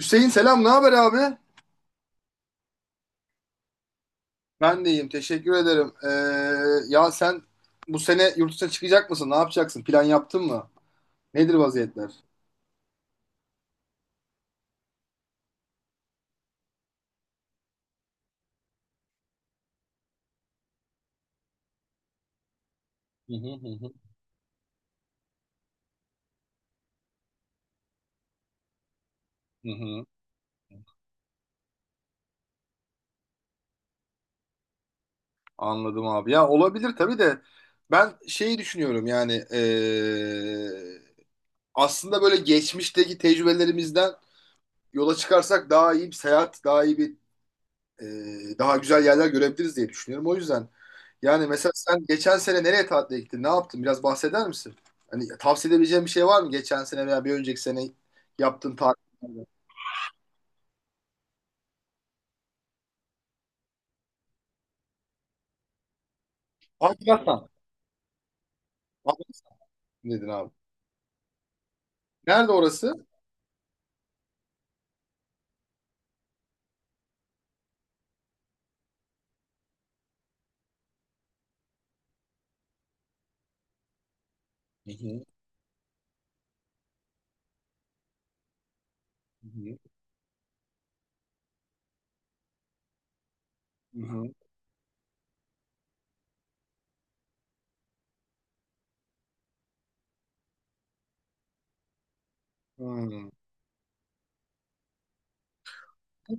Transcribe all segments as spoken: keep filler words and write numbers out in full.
Hüseyin selam, ne haber abi? Ben de iyiyim, teşekkür ederim. Ee, ya sen bu sene yurt dışına çıkacak mısın? Ne yapacaksın? Plan yaptın mı? Nedir vaziyetler? Hı hı hı hı. Hı hı. Anladım abi. Ya olabilir tabii de ben şeyi düşünüyorum yani ee, aslında böyle geçmişteki tecrübelerimizden yola çıkarsak daha iyi bir seyahat, daha iyi bir e, daha güzel yerler görebiliriz diye düşünüyorum. O yüzden yani mesela sen geçen sene nereye tatile gittin? Ne yaptın? Biraz bahseder misin? Hani tavsiye edebileceğim bir şey var mı? Geçen sene veya bir önceki sene yaptığın tatillerden. Afganistan. Afganistan dedin abi. Nerede orası? Hı hı. Hı hı. Hı hı. Hı.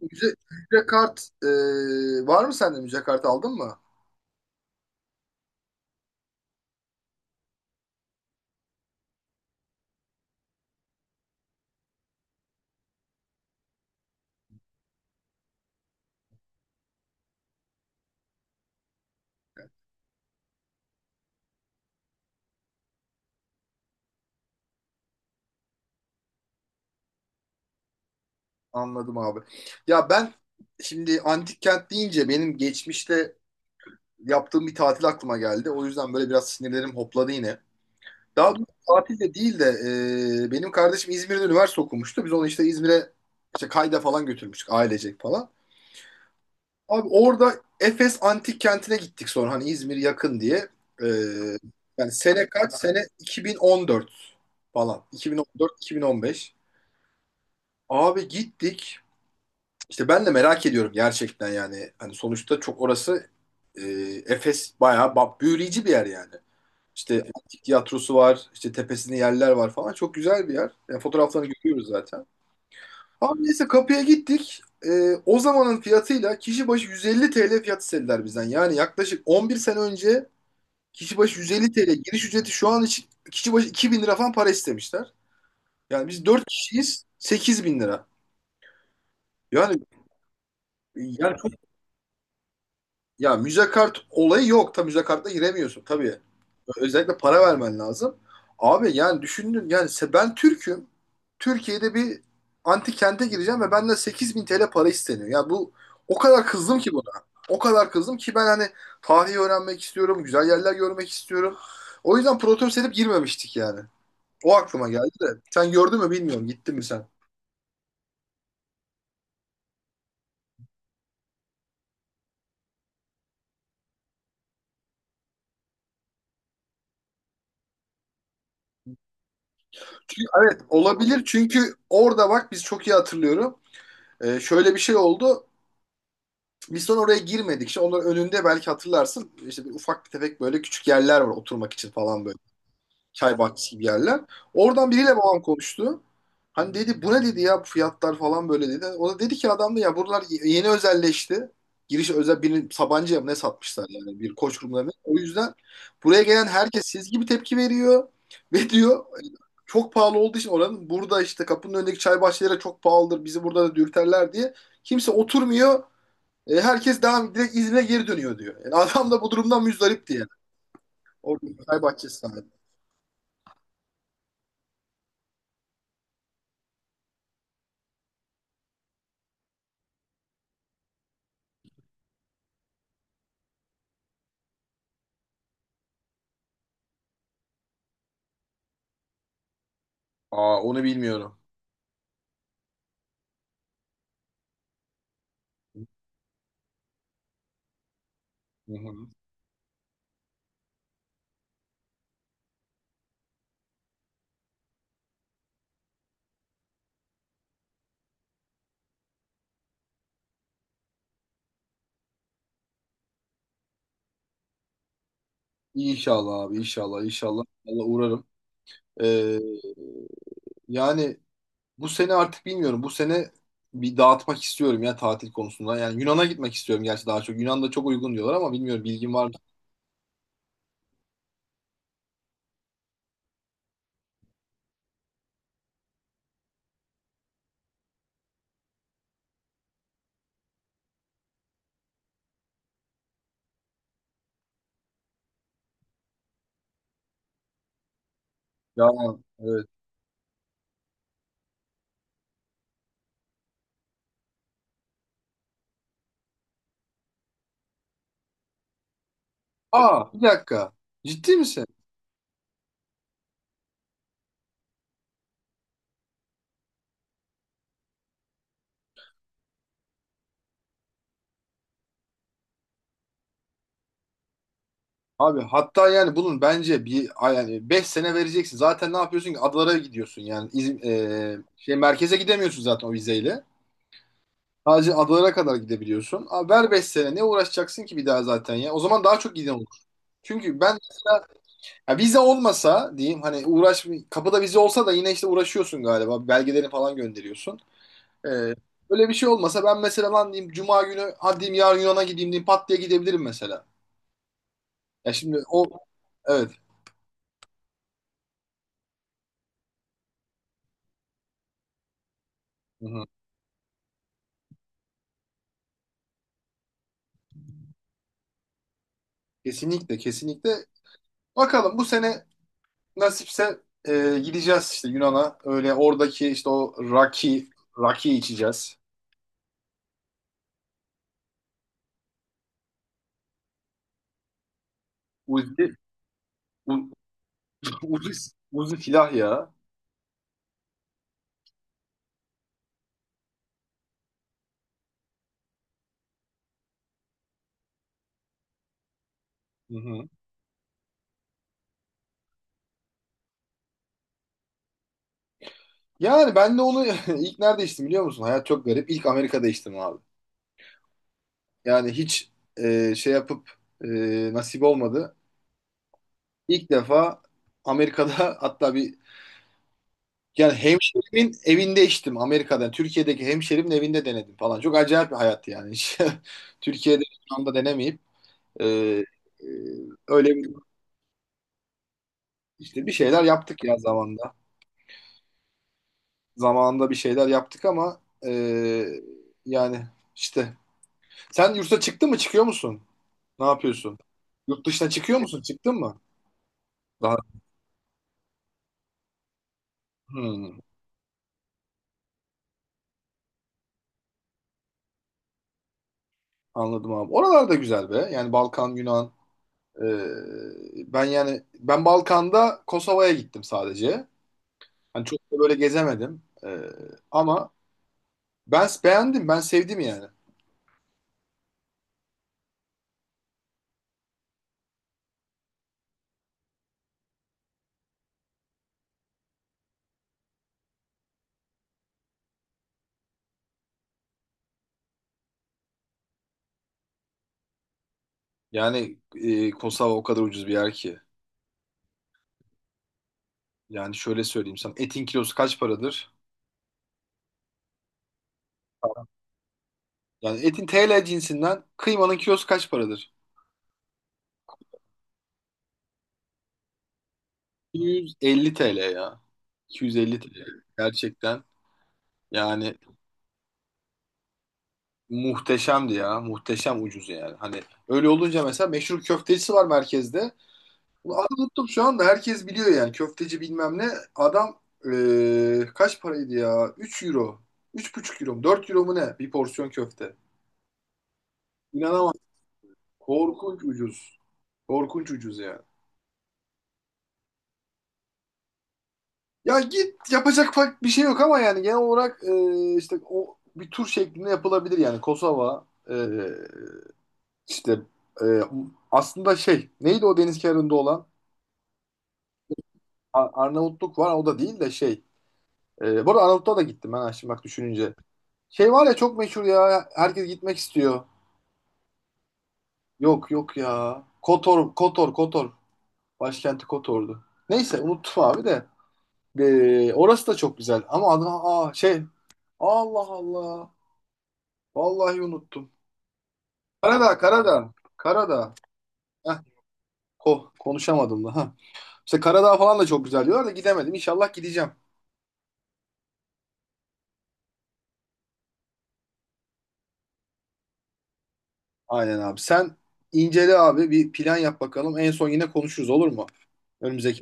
Müze, müze kart e, var mı sende? Müze kartı aldın mı? Anladım abi. Ya ben şimdi antik kent deyince benim geçmişte yaptığım bir tatil aklıma geldi. O yüzden böyle biraz sinirlerim hopladı yine. Daha doğrusu tatil de değil de e, benim kardeşim İzmir'de üniversite okumuştu. Biz onu işte İzmir'e işte kayda falan götürmüştük ailecek falan. Abi orada Efes Antik Kenti'ne gittik sonra hani İzmir yakın diye. E, Yani sene kaç? Sene iki bin on dört falan. iki bin on dört-iki bin on beş. Abi gittik. İşte ben de merak ediyorum gerçekten yani. Hani sonuçta çok orası, e, Efes bayağı ba- büyüleyici bir yer yani. İşte antik tiyatrosu var, işte tepesinde yerler var falan. Çok güzel bir yer. Yani fotoğraflarını görüyoruz zaten. Abi neyse kapıya gittik. Ee, o zamanın fiyatıyla kişi başı yüz elli T L fiyat istediler bizden. Yani yaklaşık on bir sene önce kişi başı yüz elli lira giriş ücreti şu an için kişi başı iki bin lira falan para istemişler. Yani biz dört kişiyiz sekiz bin lira. Yani yani çok-. Ya müze kart olayı yok. Tabii müze kartla giremiyorsun tabii. Özellikle para vermen lazım. Abi yani düşündün yani se- ben Türk'üm. Türkiye'de bir antik kente gireceğim ve benden sekiz bin T L para isteniyor. Ya bu o kadar kızdım ki buna. O kadar kızdım ki ben hani tarihi öğrenmek istiyorum, güzel yerler görmek istiyorum. O yüzden protest edip girmemiştik yani. O aklıma geldi de. Sen gördün mü bilmiyorum. Gittin mi sen? Çünkü, evet olabilir çünkü orada bak biz çok iyi hatırlıyorum. Ee, şöyle bir şey oldu. Biz sonra oraya girmedik. İşte onların önünde belki hatırlarsın işte bir ufak bir tefek böyle küçük yerler var oturmak için falan böyle. Çay bahçesi gibi yerler. Oradan biriyle babam konuştu. Hani dedi bu ne dedi ya bu fiyatlar falan böyle dedi. O da dedi ki adam da ya buralar yeni özelleşti. Giriş özel birini Sabancı'ya mı ne satmışlar yani bir koç grubuna mı? O yüzden buraya gelen herkes siz gibi tepki veriyor. Ve diyor çok pahalı olduğu için oranın burada işte kapının önündeki çay bahçeleri çok pahalıdır. Bizi burada da dürterler diye. Kimse oturmuyor. E, herkes devam direkt İzmir'e geri dönüyor diyor. Yani adam da bu durumdan müzdarip diye orada çay bahçesi sahibi. Aa onu bilmiyorum. Hı hı. İnşallah abi, inşallah inşallah. Allah uğrarım. Ee, Yani bu sene artık bilmiyorum. Bu sene bir dağıtmak istiyorum ya tatil konusunda. Yani Yunan'a gitmek istiyorum gerçi daha çok. Yunan'da çok uygun diyorlar ama bilmiyorum bilgim var mı? Ya evet. Aa bir dakika. Ciddi misin? Abi hatta yani bunun bence bir yani beş sene vereceksin. Zaten ne yapıyorsun ki adalara gidiyorsun yani İzm- e, şey merkeze gidemiyorsun zaten o vizeyle. Sadece adalara kadar gidebiliyorsun. Abi ver beş sene ne uğraşacaksın ki bir daha zaten ya. O zaman daha çok giden olur. Çünkü ben ya vize olmasa diyeyim hani uğraş kapıda vize olsa da yine işte uğraşıyorsun galiba. Belgelerini falan gönderiyorsun. E, Öyle bir şey olmasa ben mesela lan diyeyim Cuma günü hadi diyeyim yarın Yunan'a gideyim diyeyim pat diye gidebilirim mesela. Ya şimdi o evet. Hı hı. Kesinlikle, kesinlikle. Bakalım bu sene nasipse e, gideceğiz işte Yunan'a. Öyle oradaki işte o raki raki içeceğiz. Uzi, u, Uzi, Uzi silah ya. Hı hı. Yani ben de onu ilk nerede içtim biliyor musun? Hayat çok garip. İlk Amerika'da içtim abi. Yani hiç e, şey yapıp, e, nasip olmadı. İlk defa Amerika'da hatta bir yani hemşerimin evinde içtim Amerika'da. Türkiye'deki hemşerimin evinde denedim falan. Çok acayip bir hayat yani. Hiç Türkiye'de şu anda denemeyip Ee, e, öyle bir- işte bir şeyler yaptık ya zamanda. Zamanında bir şeyler yaptık ama e, yani işte. Sen yurtta çıktın mı? Çıkıyor musun? Ne yapıyorsun? Yurt dışına çıkıyor musun? Çıktın mı? Daha. Hmm, anladım abi. Oralar da güzel be. Yani Balkan, Yunan. Ee, ben yani ben Balkan'da Kosova'ya gittim sadece. Hani çok da böyle gezemedim. Ee, ama ben beğendim. Ben sevdim yani. Yani e, Kosova o kadar ucuz bir yer ki. Yani şöyle söyleyeyim sana. Etin kilosu kaç paradır? Yani etin T L cinsinden kıymanın kilosu kaç paradır? iki yüz elli T L ya. iki yüz elli T L. Gerçekten yani muhteşemdi ya. Muhteşem ucuz yani. Hani öyle olunca mesela meşhur köftecisi var merkezde. Bunu adı unuttum şu anda. Herkes biliyor yani. Köfteci bilmem ne. Adam eee, kaç paraydı ya? üç euro. Üç buçuk euro mu? dört euro mu ne? Bir porsiyon köfte. İnanamam. Korkunç ucuz. Korkunç ucuz yani. Ya git yapacak fark bir şey yok ama yani genel olarak e, işte o bir tur şeklinde yapılabilir yani Kosova, e, işte, e, aslında şey neydi o deniz kenarında olan A- Arnavutluk var o da değil de şey, e, bu arada Arnavutluğa da gittim ben ha, şimdi bak düşününce şey var ya çok meşhur ya herkes gitmek istiyor, yok yok ya Kotor, Kotor, Kotor, başkenti Kotor'du, neyse unuttum abi de. E, orası da çok güzel ama adı, aa, şey, Allah Allah, vallahi unuttum. Karadağ, Karadağ, Karadağ. Heh, ko konuşamadım da. Ha. İşte Karadağ falan da çok güzel diyorlar da gidemedim. İnşallah gideceğim. Aynen abi. Sen incele abi bir plan yap bakalım. En son yine konuşuruz olur mu? Önümüzdeki